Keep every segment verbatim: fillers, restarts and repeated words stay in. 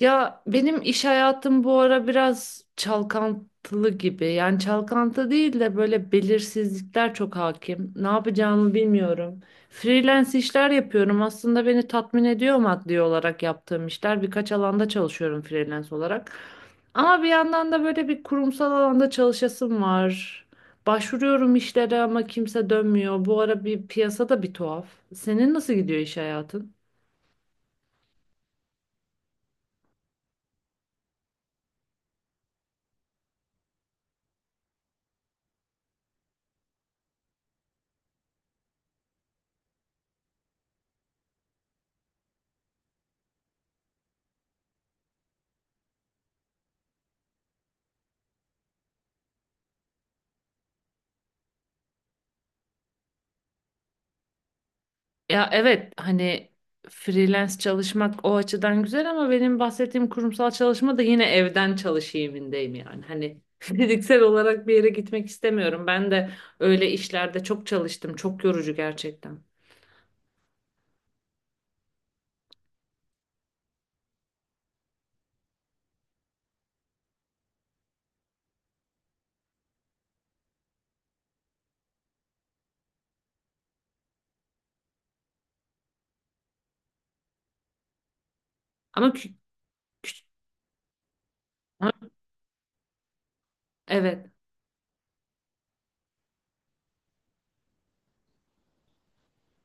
Ya benim iş hayatım bu ara biraz çalkantılı gibi. Yani çalkantı değil de böyle belirsizlikler çok hakim. Ne yapacağımı bilmiyorum. Freelance işler yapıyorum. Aslında beni tatmin ediyor maddi olarak yaptığım işler. Birkaç alanda çalışıyorum freelance olarak. Ama bir yandan da böyle bir kurumsal alanda çalışasım var. Başvuruyorum işlere ama kimse dönmüyor. Bu ara bir piyasada bir tuhaf. Senin nasıl gidiyor iş hayatın? Ya evet hani freelance çalışmak o açıdan güzel ama benim bahsettiğim kurumsal çalışma da yine evden çalışayımindeyim yani. Hani fiziksel olarak bir yere gitmek istemiyorum. Ben de öyle işlerde çok çalıştım. Çok yorucu gerçekten. Ama, kü- ama evet.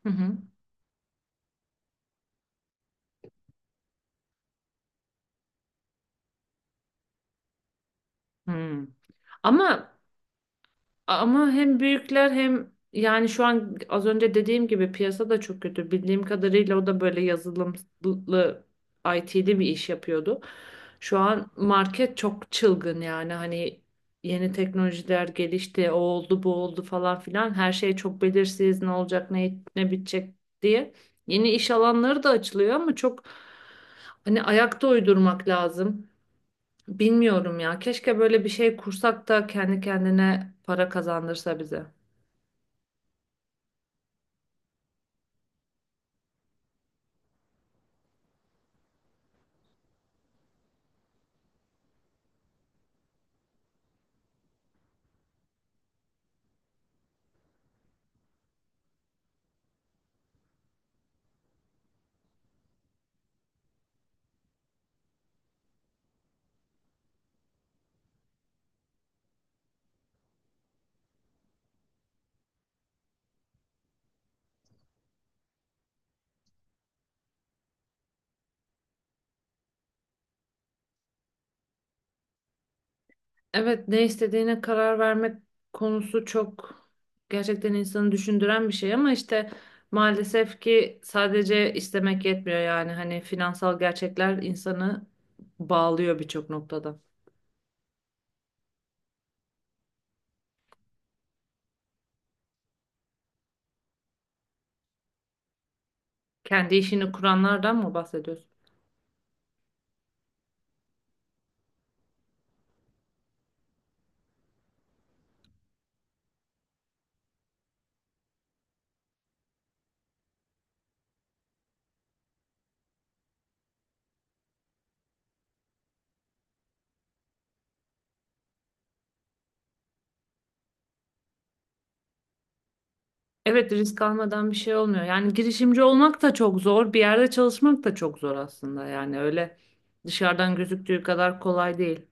Hı hı. Hı. Ama Ama hem büyükler hem yani şu an az önce dediğim gibi piyasa da çok kötü. Bildiğim kadarıyla o da böyle yazılımlı I T'li bir iş yapıyordu. Şu an market çok çılgın yani hani yeni teknolojiler gelişti, o oldu, bu oldu falan filan. Her şey çok belirsiz, ne olacak, ne ne bitecek diye. Yeni iş alanları da açılıyor ama çok hani ayakta uydurmak lazım. Bilmiyorum ya. Keşke böyle bir şey kursak da kendi kendine para kazandırsa bize. Evet, ne istediğine karar vermek konusu çok gerçekten insanı düşündüren bir şey ama işte maalesef ki sadece istemek yetmiyor yani hani finansal gerçekler insanı bağlıyor birçok noktada. Kendi işini kuranlardan mı bahsediyorsun? Evet, risk almadan bir şey olmuyor. Yani girişimci olmak da çok zor, bir yerde çalışmak da çok zor aslında. Yani öyle dışarıdan gözüktüğü kadar kolay değil.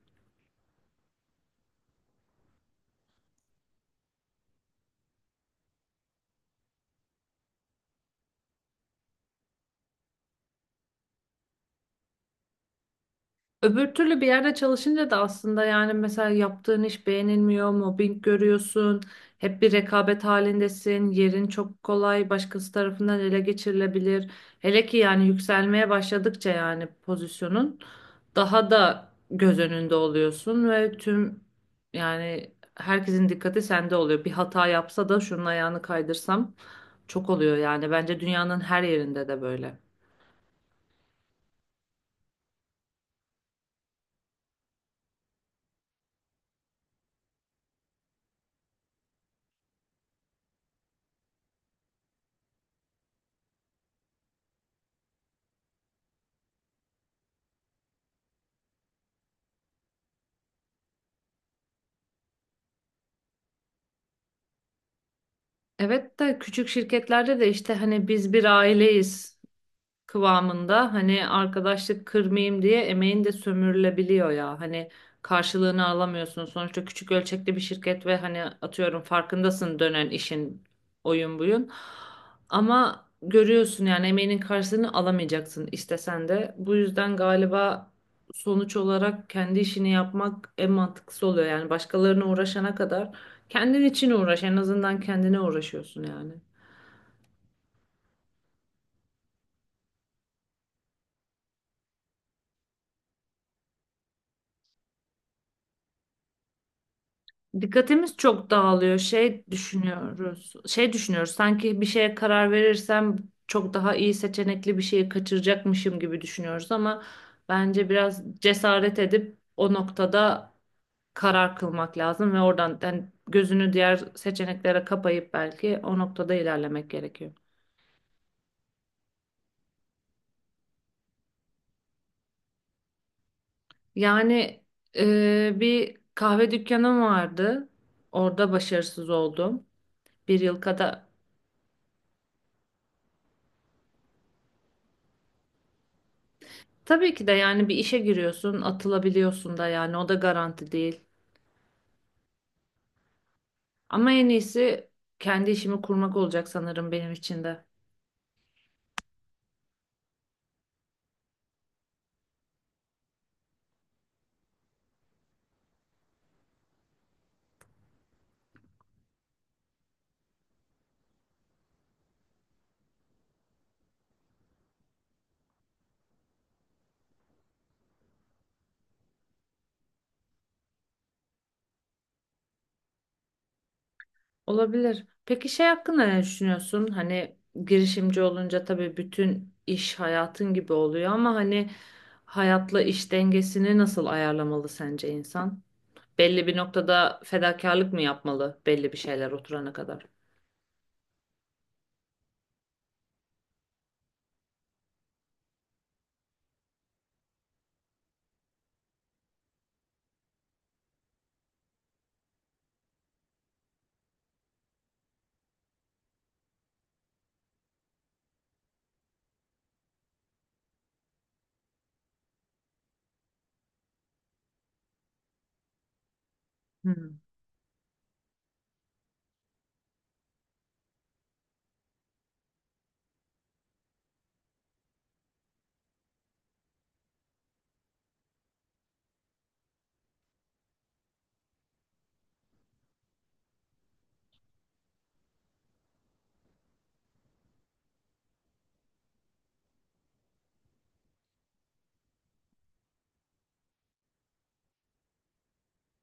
Öbür türlü bir yerde çalışınca da aslında yani mesela yaptığın iş beğenilmiyor, mobbing görüyorsun, hep bir rekabet halindesin, yerin çok kolay başkası tarafından ele geçirilebilir. Hele ki yani yükselmeye başladıkça yani pozisyonun daha da göz önünde oluyorsun ve tüm yani herkesin dikkati sende oluyor. Bir hata yapsa da şunun ayağını kaydırsam çok oluyor yani bence dünyanın her yerinde de böyle. Evet de küçük şirketlerde de işte hani biz bir aileyiz kıvamında hani arkadaşlık kırmayayım diye emeğin de sömürülebiliyor ya. Hani karşılığını alamıyorsun. Sonuçta küçük ölçekli bir şirket ve hani atıyorum farkındasın dönen işin oyun buyun. Ama görüyorsun yani emeğinin karşılığını alamayacaksın istesen de. Bu yüzden galiba sonuç olarak kendi işini yapmak en mantıklısı oluyor. Yani başkalarına uğraşana kadar kendin için uğraş. En azından kendine uğraşıyorsun yani. Dikkatimiz çok dağılıyor. Şey düşünüyoruz. Şey düşünüyoruz. Sanki bir şeye karar verirsem çok daha iyi seçenekli bir şeyi kaçıracakmışım gibi düşünüyoruz ama bence biraz cesaret edip o noktada karar kılmak lazım ve oradan yani gözünü diğer seçeneklere kapayıp belki o noktada ilerlemek gerekiyor. Yani e, bir kahve dükkanım vardı. Orada başarısız oldum. Bir yıl kadar. Tabii ki de yani bir işe giriyorsun, atılabiliyorsun da yani o da garanti değil. Ama en iyisi kendi işimi kurmak olacak sanırım benim için de. Olabilir. Peki şey hakkında ne düşünüyorsun? Hani girişimci olunca tabii bütün iş hayatın gibi oluyor ama hani hayatla iş dengesini nasıl ayarlamalı sence insan? Belli bir noktada fedakarlık mı yapmalı belli bir şeyler oturana kadar? Hmm.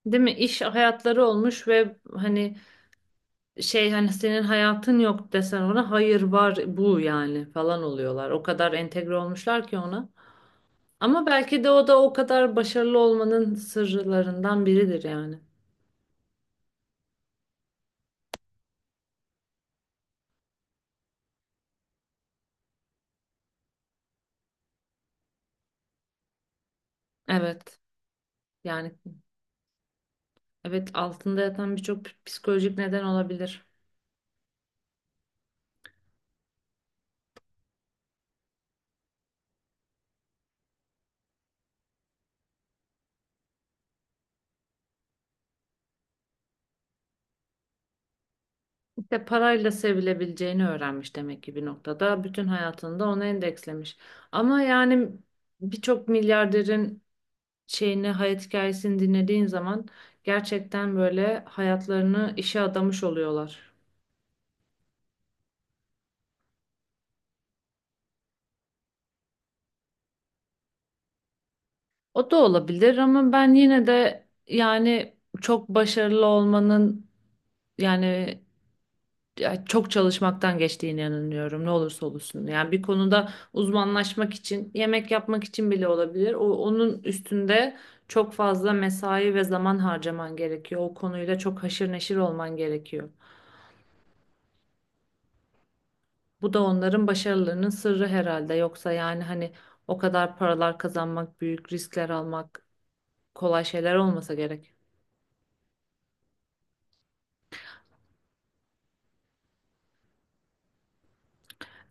Değil mi? İş hayatları olmuş ve hani şey hani senin hayatın yok desen ona hayır var bu yani falan oluyorlar. O kadar entegre olmuşlar ki ona. Ama belki de o da o kadar başarılı olmanın sırlarından biridir yani. Evet. Yani evet altında yatan birçok psikolojik neden olabilir. İşte parayla sevilebileceğini öğrenmiş demek ki bir noktada. Bütün hayatında da ona endekslemiş. Ama yani birçok milyarderin şeyini hayat hikayesini dinlediğin zaman gerçekten böyle hayatlarını işe adamış oluyorlar. O da olabilir ama ben yine de yani çok başarılı olmanın yani ya çok çalışmaktan geçtiğine inanıyorum ne olursa olsun. Yani bir konuda uzmanlaşmak için, yemek yapmak için bile olabilir. O onun üstünde çok fazla mesai ve zaman harcaman gerekiyor. O konuyla çok haşır neşir olman gerekiyor. Bu da onların başarılarının sırrı herhalde. Yoksa yani hani o kadar paralar kazanmak, büyük riskler almak kolay şeyler olmasa gerek.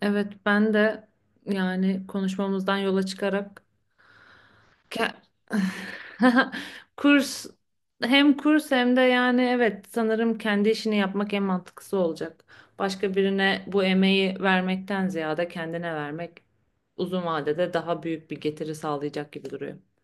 Evet, ben de yani konuşmamızdan yola çıkarak ke- kurs, hem kurs hem de yani evet sanırım kendi işini yapmak en mantıklısı olacak. Başka birine bu emeği vermekten ziyade kendine vermek uzun vadede daha büyük bir getiri sağlayacak gibi duruyor.